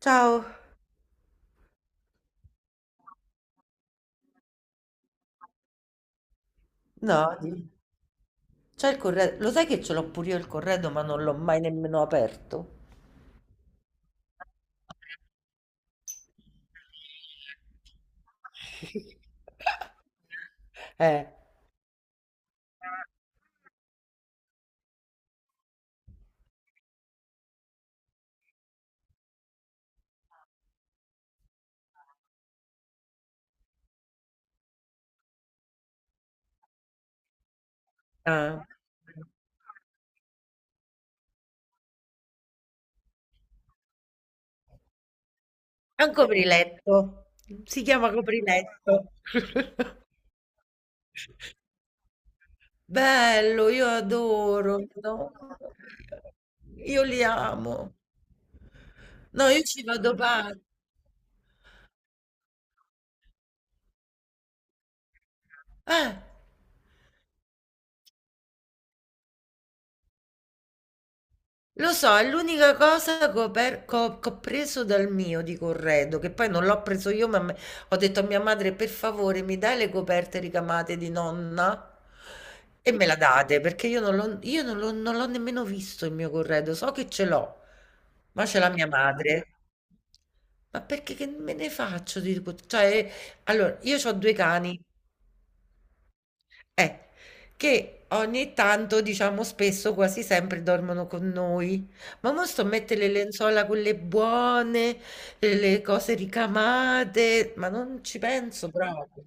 Ciao, no, di- c'è il corredo, lo sai che ce l'ho pure io il corredo, ma non l'ho mai nemmeno aperto. Eh, ah. È un copriletto, si chiama copriletto. Bello, io adoro, no? Io li amo. No, io ci vado pazza. Eh. Lo so, è l'unica cosa che ho, che ho preso dal mio di corredo, che poi non l'ho preso io, ho detto a mia madre, per favore, mi dai le coperte ricamate di nonna? E me la date, perché io non l'ho- non l'ho nemmeno visto il mio corredo, so che ce l'ho, ma ce l'ha mia madre. Ma perché che me ne faccio di... Cioè, allora, io ho due cani, eh, che ogni tanto, diciamo spesso, quasi sempre dormono con noi. Ma mo sto a mettere le lenzuola quelle buone, le cose ricamate, ma non ci penso proprio.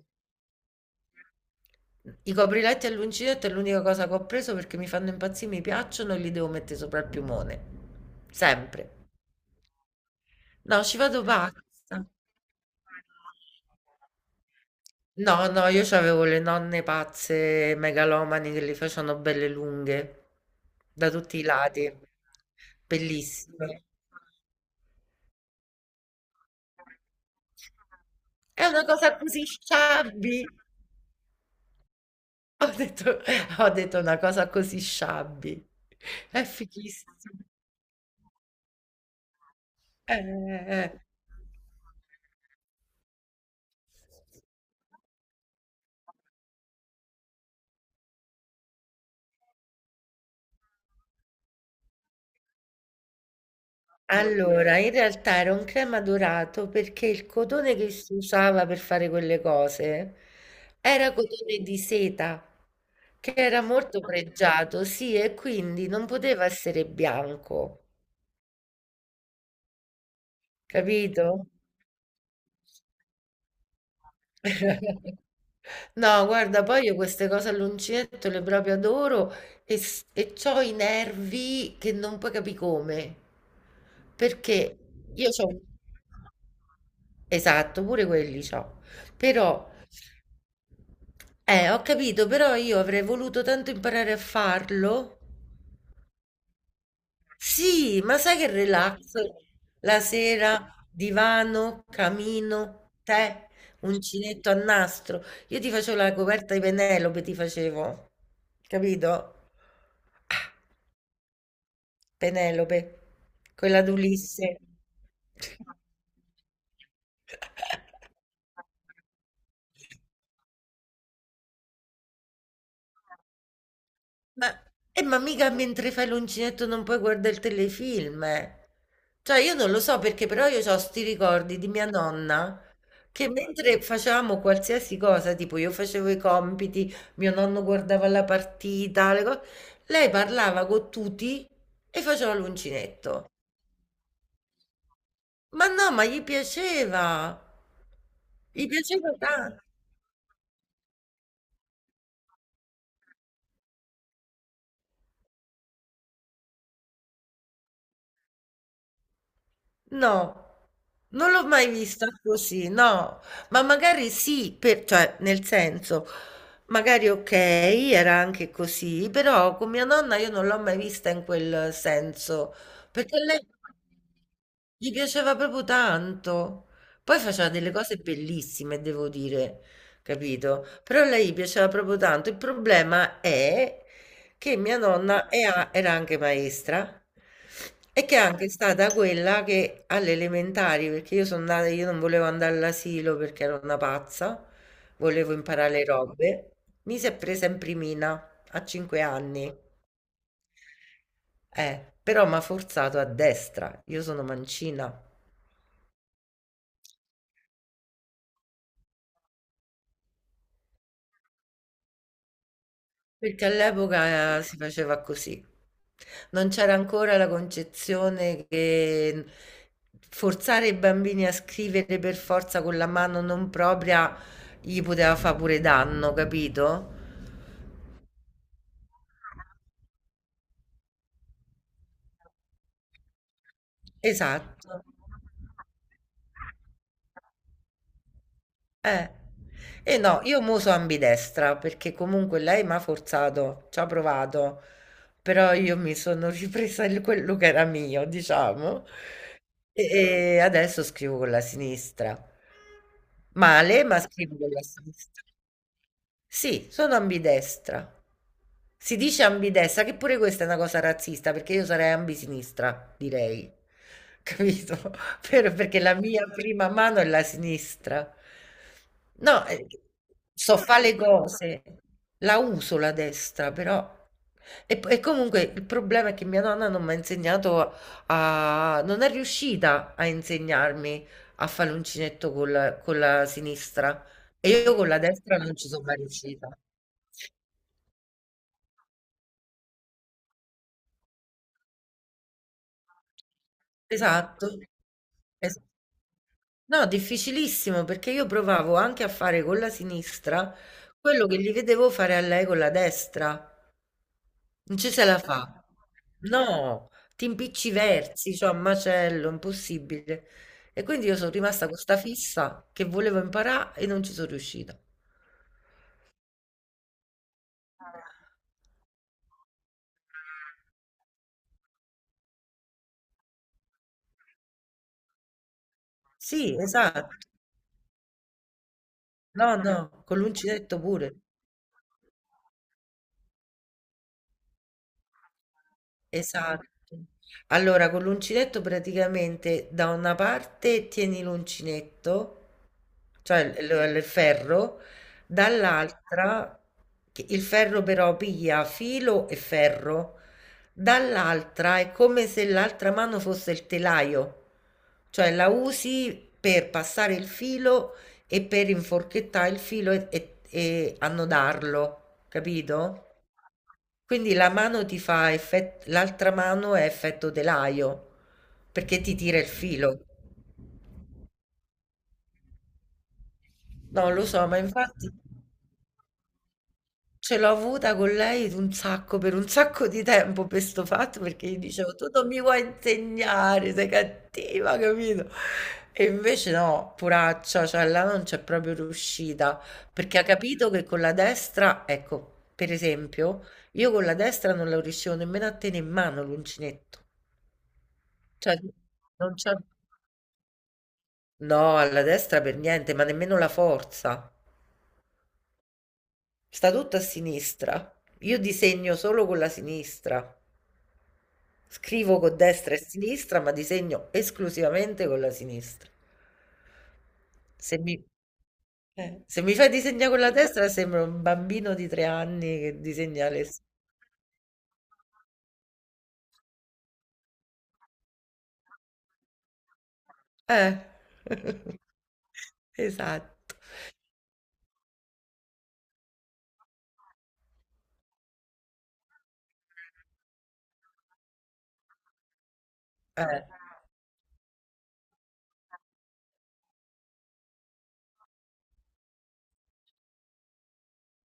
I copriletti all'uncinetto è l'unica cosa che ho preso perché mi fanno impazzire, mi piacciono e li devo mettere sopra il piumone. Sempre. No, ci vado pazza. No, no, io c'avevo le nonne pazze, megalomani, che le facevano belle lunghe, da tutti i lati. Bellissime. È una cosa così sciabbi. Ho detto, ho detto una cosa così sciabbi. È fighissimo. Eh. Allora, in realtà era un crema dorato perché il cotone che si usava per fare quelle cose era cotone di seta, che era molto pregiato, sì, e quindi non poteva essere bianco, capito? No, guarda, poi io queste cose all'uncinetto le proprio adoro e, e c'ho i nervi che non puoi capire come. Perché io c'ho... Esatto, pure quelli c'ho. Però, ho capito, però io avrei voluto tanto imparare a farlo. Sì, ma sai che relax? La sera, divano, camino, tè, uncinetto a nastro. Io ti facevo la coperta di Penelope, ti facevo. Capito? Penelope, quella d'Ulisse. Ma ma mica mentre fai l'uncinetto non puoi guarda il telefilm, eh. Cioè io non lo so perché però io c'ho 'sti ricordi di mia nonna che mentre facevamo qualsiasi cosa, tipo io facevo i compiti, mio nonno guardava la partita, lei parlava con tutti e faceva l'uncinetto. Ma no, ma gli piaceva. Gli piaceva tanto. No, non l'ho mai vista così, no, ma magari sì, cioè nel senso, magari ok, era anche così, però con mia nonna io non l'ho mai vista in quel senso, perché lei gli piaceva proprio tanto, poi faceva delle cose bellissime, devo dire, capito? Però a lei gli piaceva proprio tanto, il problema è che mia nonna è era anche maestra e che è anche stata quella che alle elementari, perché io sono nata, io non volevo andare all'asilo perché ero una pazza, volevo imparare le robe, mi si è presa in primina a 5 anni, però mi ha forzato a destra, io sono mancina. Perché all'epoca si faceva così. Non c'era ancora la concezione che forzare i bambini a scrivere per forza con la mano non propria gli poteva fare pure danno, capito? Esatto. Eh. E no, io mo so ambidestra perché comunque lei mi ha forzato, ci ha provato, però io mi sono ripresa quello che era mio, diciamo, e, e adesso scrivo con la sinistra. Male, ma scrivo con la sinistra. Sì, sono ambidestra. Si dice ambidestra, che pure questa è una cosa razzista, perché io sarei ambisinistra, direi. Capito? Perché la mia prima mano è la sinistra. No, so fare le cose, la uso la destra, però e comunque il problema è che mia nonna non mi ha insegnato a... non è riuscita a insegnarmi a fare l'uncinetto con la sinistra e io con la destra non ci sono mai riuscita. Esatto. Es- No, difficilissimo perché io provavo anche a fare con la sinistra quello che gli vedevo fare a lei con la destra. Non ci se la fa. No, ti impicciversi, cioè a macello, impossibile. E quindi io sono rimasta con sta fissa che volevo imparare e non ci sono riuscita. Sì, esatto. No, no, con l'uncinetto pure. Esatto. Allora, con l'uncinetto praticamente da una parte tieni l'uncinetto, cioè il ferro, dall'altra, che il ferro però piglia filo e ferro, dall'altra è come se l'altra mano fosse il telaio, cioè la usi per passare il filo e per inforchettare il filo e annodarlo, capito? Quindi la mano ti fa effetto, l'altra mano è effetto telaio, perché ti tira il filo. No, lo so, ma infatti ce l'ho avuta con lei un sacco, per un sacco di tempo per sto fatto, perché gli dicevo, tu non mi vuoi insegnare, sei cattiva, capito? E invece no, puraccia, cioè là non c'è proprio riuscita, perché ha capito che con la destra, ecco, per esempio, io con la destra non la riuscivo nemmeno a tenere in mano l'uncinetto. Cioè, non c'è. No, alla destra per niente, ma nemmeno la forza. Sta tutto a sinistra. Io disegno solo con la sinistra. Scrivo con destra e sinistra, ma disegno esclusivamente con la sinistra. Se mi, se mi fai disegnare con la destra, sembra un bambino di 3 anni che disegna le... s- Eh, esatto. Eh.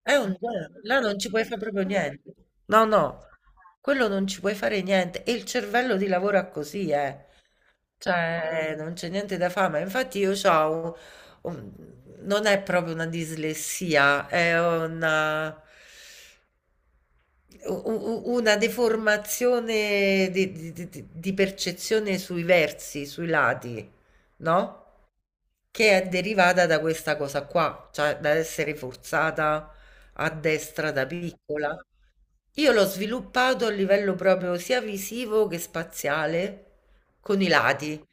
È un gelo, là non ci puoi fare proprio niente. No, no, quello non ci puoi fare niente. E il cervello ti lavora così, eh. Cioè, non c'è niente da fare. Ma infatti io ho non è proprio una dislessia, è una, una deformazione di, di percezione sui versi, sui lati, no? Che è derivata da questa cosa qua, cioè da essere forzata a destra da piccola. Io l'ho sviluppato a livello proprio sia visivo che spaziale, con i lati.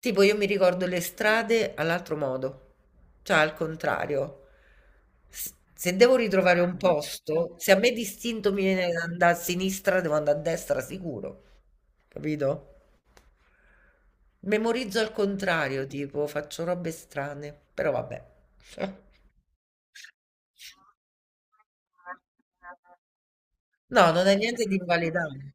Tipo, io mi ricordo le strade all'altro modo, cioè al contrario. Se devo ritrovare un posto, se a me d'istinto mi viene da andare a sinistra, devo andare a destra sicuro, capito? Memorizzo al contrario, tipo, faccio robe strane, però vabbè. No, non è niente di invalidante.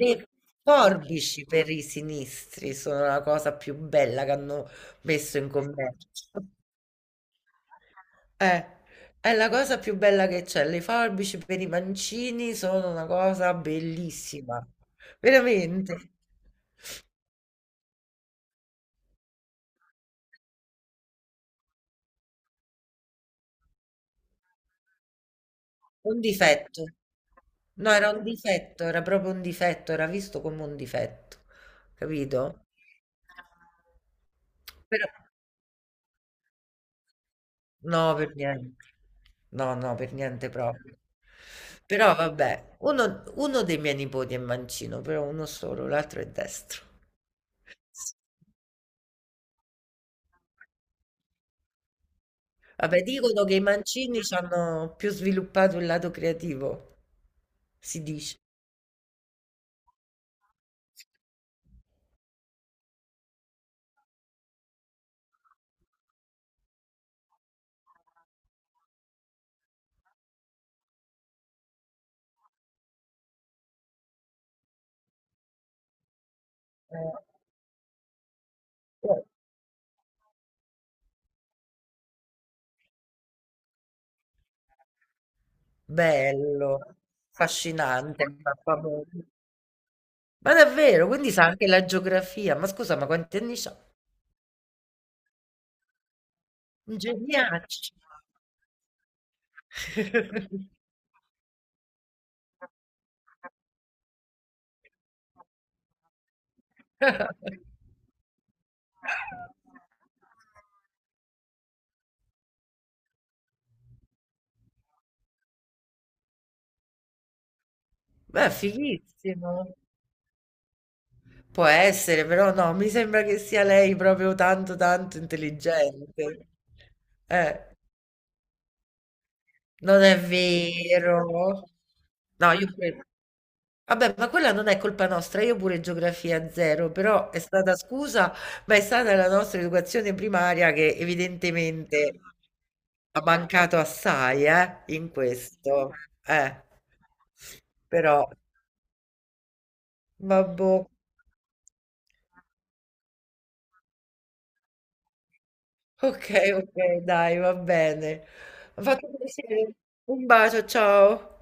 Le forbici per i sinistri sono la cosa più bella che hanno messo in commercio. Eh, è la cosa più bella che c'è. Le forbici per i mancini sono una cosa bellissima. Veramente. Un difetto. No, era un difetto, era proprio un difetto, era visto come un difetto. Capito? Però no, per niente. No, no, per niente proprio. Però vabbè, uno dei miei nipoti è mancino, però uno solo, l'altro è destro. Vabbè, dicono che i mancini hanno più sviluppato il lato creativo, si dice. Oh, bello, affascinante, famoso. Ma davvero, quindi sa anche la geografia. Ma scusa, ma quanti anni c'ha? Un geniaccio. Beh, fighissimo. Può essere, però no, mi sembra che sia lei proprio tanto, tanto intelligente. Eh, non è vero. No, io credo. Vabbè, ma quella non è colpa nostra, io pure geografia zero, però è stata scusa, ma è stata la nostra educazione primaria che evidentemente ha mancato assai, in questo. Eh, però, vabbè. Ok, ok, dai, va bene. Mi ha fatto piacere. Un bacio, ciao.